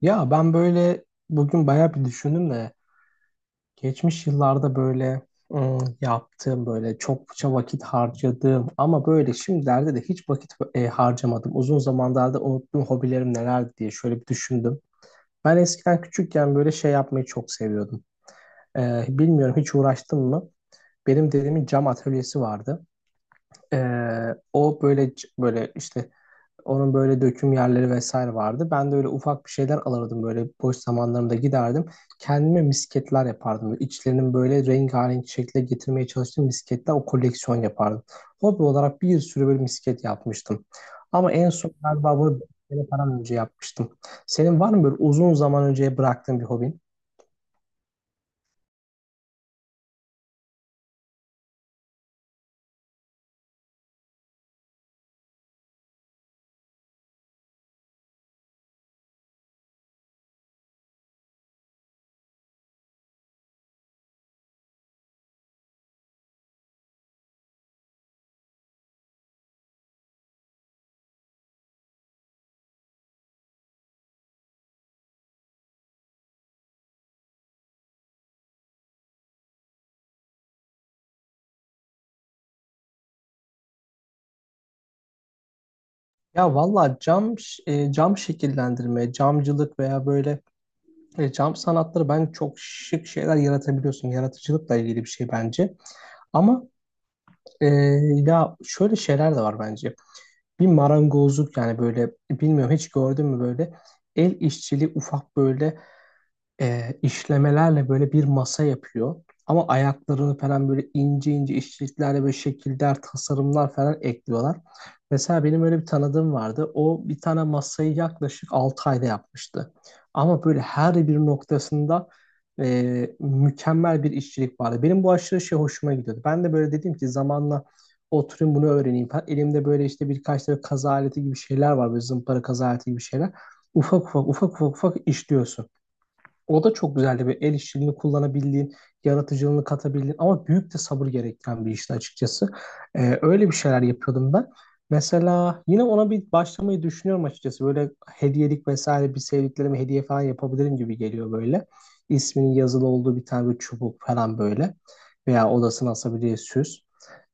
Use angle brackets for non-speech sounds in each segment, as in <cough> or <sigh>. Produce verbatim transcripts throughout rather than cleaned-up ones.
Ya ben böyle bugün bayağı bir düşündüm de geçmiş yıllarda böyle ım, yaptığım böyle çokça vakit harcadığım ama böyle şimdilerde de hiç vakit e, harcamadım. Uzun zamanlarda unuttuğum hobilerim nelerdi diye şöyle bir düşündüm. Ben eskiden küçükken böyle şey yapmayı çok seviyordum. Ee, bilmiyorum hiç uğraştım mı? Benim dedemin cam atölyesi vardı. Ee, o böyle c- böyle işte onun böyle döküm yerleri vesaire vardı. Ben de öyle ufak bir şeyler alırdım böyle boş zamanlarımda giderdim. Kendime misketler yapardım. İçlerinin böyle rengarenk şekle getirmeye çalıştığım misketler o koleksiyon yapardım. Hobi olarak bir sürü böyle misket yapmıştım. Ama en son galiba bunu sene falan önce yapmıştım. Senin var mı böyle uzun zaman önce bıraktığın bir hobin? Ya valla cam e, cam şekillendirme, camcılık veya böyle e, cam sanatları ben çok şık şeyler yaratabiliyorsun. Yaratıcılıkla ilgili bir şey bence. Ama e, ya şöyle şeyler de var bence. Bir marangozluk yani böyle bilmiyorum hiç gördün mü böyle el işçiliği ufak böyle e, işlemelerle böyle bir masa yapıyor. Ama ayaklarını falan böyle ince ince işçiliklerle böyle şekiller, tasarımlar falan ekliyorlar. Mesela benim öyle bir tanıdığım vardı. O bir tane masayı yaklaşık altı ayda yapmıştı. Ama böyle her bir noktasında e, mükemmel bir işçilik vardı. Benim bu aşırı şey hoşuma gidiyordu. Ben de böyle dedim ki zamanla oturayım bunu öğreneyim falan. Elimde böyle işte birkaç tane kaza aleti gibi şeyler var. Böyle zımpara kaza aleti gibi şeyler. Ufak ufak ufak ufak ufak işliyorsun. O da çok güzeldi. Bir el işçiliğini kullanabildiğin, yaratıcılığını katabildiğin ama büyük de sabır gerektiren bir işti açıkçası. Ee, öyle bir şeyler yapıyordum ben. Mesela yine ona bir başlamayı düşünüyorum açıkçası. Böyle hediyelik vesaire bir sevdiklerime hediye falan yapabilirim gibi geliyor böyle. İsminin yazılı olduğu bir tane bir çubuk falan böyle. Veya odasına asabileceği süs.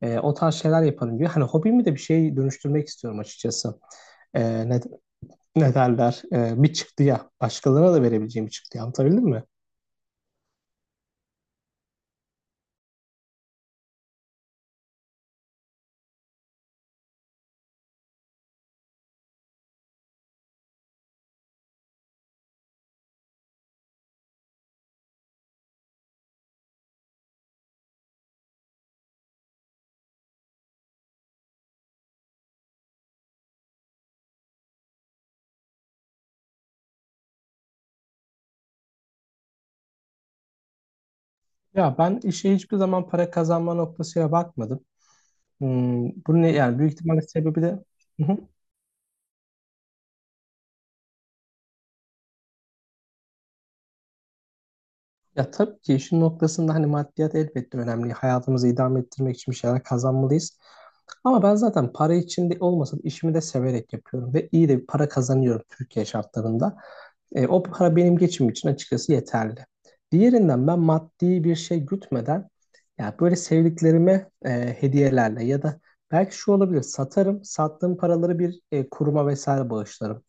Ee, o tarz şeyler yaparım diyor. Hani hobimi de bir şey dönüştürmek istiyorum açıkçası. Ee, ne, Ne derler? Ee, bir çıktı ya. Başkalarına da verebileceğim bir çıktı. Anlatabildim mi? Ya ben işe hiçbir zaman para kazanma noktasıyla bakmadım. Hmm, bu ne yani büyük ihtimalle sebebi de <laughs> ya tabii ki işin noktasında hani maddiyat elbette önemli. Hayatımızı idame ettirmek için bir şeyler kazanmalıyız. Ama ben zaten para için de olmasa da işimi de severek yapıyorum ve iyi de bir para kazanıyorum Türkiye şartlarında. E, o para benim geçimim için açıkçası yeterli. Diğerinden ben maddi bir şey gütmeden ya böyle sevdiklerime e, hediyelerle ya da belki şu olabilir satarım, sattığım paraları bir e, kuruma vesaire bağışlarım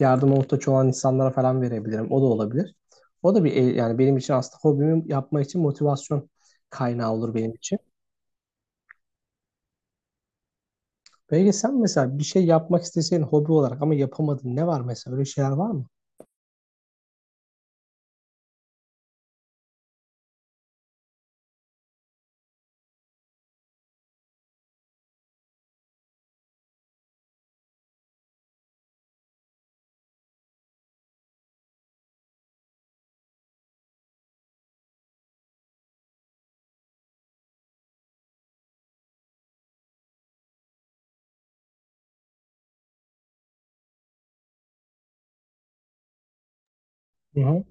yardıma muhtaç olan insanlara falan verebilirim. O da olabilir. O da bir el- Yani benim için aslında hobimi yapmak için motivasyon kaynağı olur benim için. Peki sen mesela bir şey yapmak isteseydin hobi olarak ama yapamadın ne var mesela öyle şeyler var mı? Hı hı.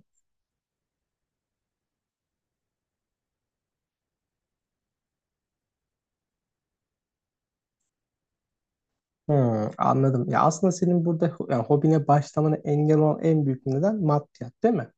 Hmm, anladım. Ya aslında senin burada ho- yani hobine başlamana engel olan en büyük neden maddiyat değil mi?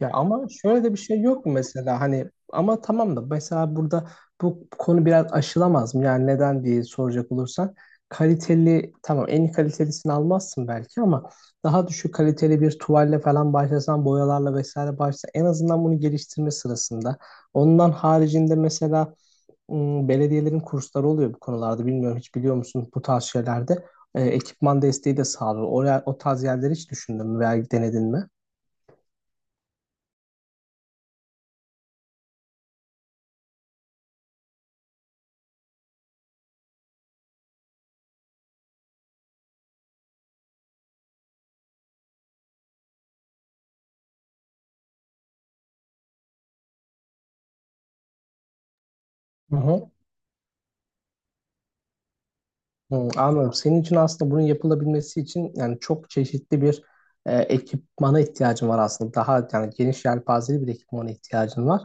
Ya ama şöyle de bir şey yok mu mesela hani ama tamam da mesela burada bu konu biraz aşılamaz mı? Yani neden diye soracak olursan kaliteli tamam en iyi kalitelisini almazsın belki ama daha düşük kaliteli bir tuvalle falan başlasan boyalarla vesaire başlasan en azından bunu geliştirme sırasında. Ondan haricinde mesela ım, belediyelerin kursları oluyor bu konularda bilmiyorum hiç biliyor musun bu tarz şeylerde. Ee, ekipman desteği de sağlıyor. Oraya, o tarz yerleri hiç düşündün mü veya denedin mi? Hı hı. Hı, anladım. Senin için aslında bunun yapılabilmesi için yani çok çeşitli bir e, ekipmana ihtiyacın var aslında. Daha yani geniş yelpazeli bir ekipmana ihtiyacın var.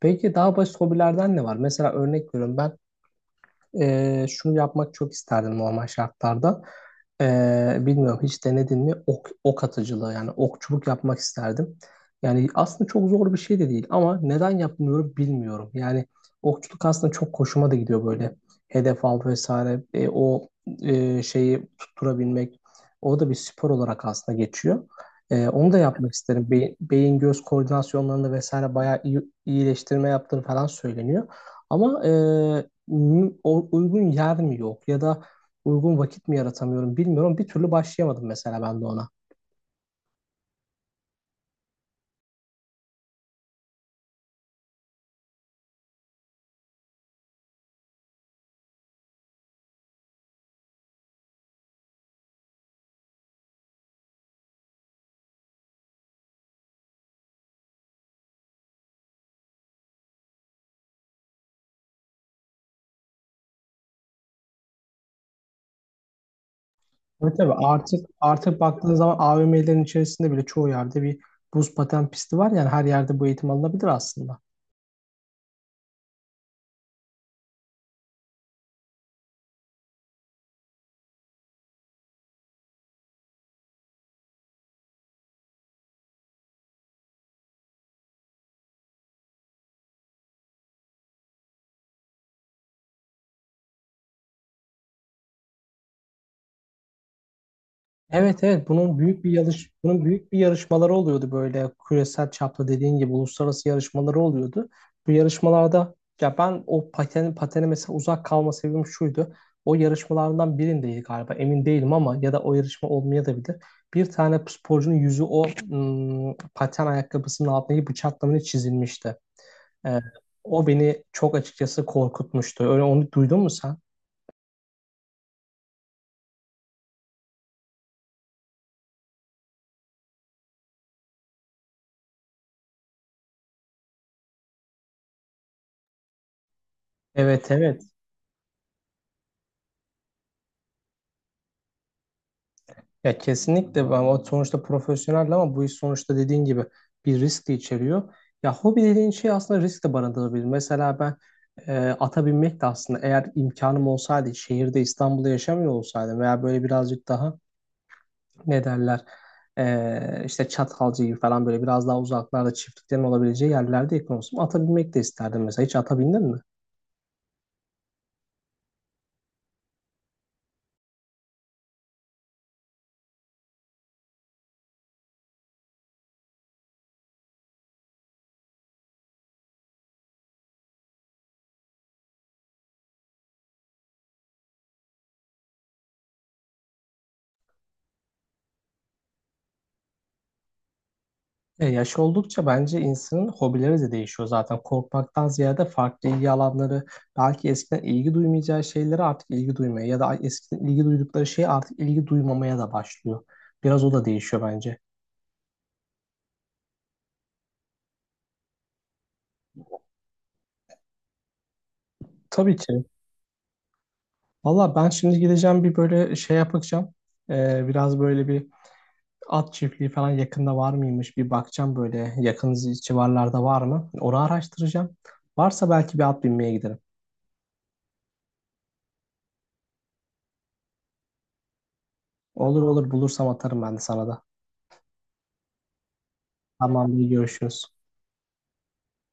Peki daha basit hobilerden ne var? Mesela örnek veriyorum ben e, şunu yapmak çok isterdim normal şartlarda. E, Bilmiyorum hiç denedin mi ok, ok atıcılığı yani okçuluk yapmak isterdim. Yani aslında çok zor bir şey de değil ama neden yapmıyorum bilmiyorum. Yani okçuluk aslında çok hoşuma da gidiyor böyle. Hedef al vesaire e, o e, şeyi tutturabilmek. O da bir spor olarak aslında geçiyor. E, onu da yapmak isterim. Beyin, beyin göz koordinasyonlarında vesaire bayağı iyi, iyileştirme yaptığını falan söyleniyor. Ama e, m- o- uygun yer mi yok ya da uygun vakit mi yaratamıyorum bilmiyorum. Bir türlü başlayamadım mesela ben de ona. Evet tabii artık artık baktığın zaman A V M'lerin içerisinde bile çoğu yerde bir buz paten pisti var yani her yerde bu eğitim alınabilir aslında. Evet evet, bunun büyük bir yarış bunun büyük bir yarışmaları oluyordu böyle küresel çapta dediğin gibi uluslararası yarışmaları oluyordu. Bu yarışmalarda ya ben o paten patene mesela uzak kalma sebebim şuydu. O yarışmalardan birindeydi galiba emin değilim ama ya da o yarışma olmaya da bilir. Bir tane sporcunun yüzü o ım, paten ayakkabısının altındaki bıçaklamaya çizilmişti. Ee, O beni çok açıkçası korkutmuştu. Öyle onu duydun mu sen? Evet, evet. Ya kesinlikle ama sonuçta profesyonel ama bu iş sonuçta dediğin gibi bir risk de içeriyor. Ya hobi dediğin şey aslında risk de barındırabilir. Mesela ben e, ata binmek de aslında eğer imkanım olsaydı şehirde İstanbul'da yaşamıyor olsaydım veya böyle birazcık daha ne derler e, işte Çatalca gibi falan böyle biraz daha uzaklarda çiftliklerin olabileceği yerlerde yakın olsam ata binmek de isterdim mesela. Hiç ata bindin mi? Ya yaş oldukça bence insanın hobileri de değişiyor zaten. Korkmaktan ziyade farklı ilgi alanları, belki eskiden ilgi duymayacağı şeylere artık ilgi duymaya ya da eskiden ilgi duydukları şeye artık ilgi duymamaya da başlıyor. Biraz o da değişiyor bence. Tabii ki. Valla ben şimdi gideceğim bir böyle şey yapacağım. Ee, biraz böyle bir at çiftliği falan yakında var mıymış bir bakacağım böyle yakın civarlarda var mı? Onu araştıracağım. Varsa belki bir at binmeye giderim. Olur olur bulursam atarım ben de sana da. Tamam, iyi görüşürüz.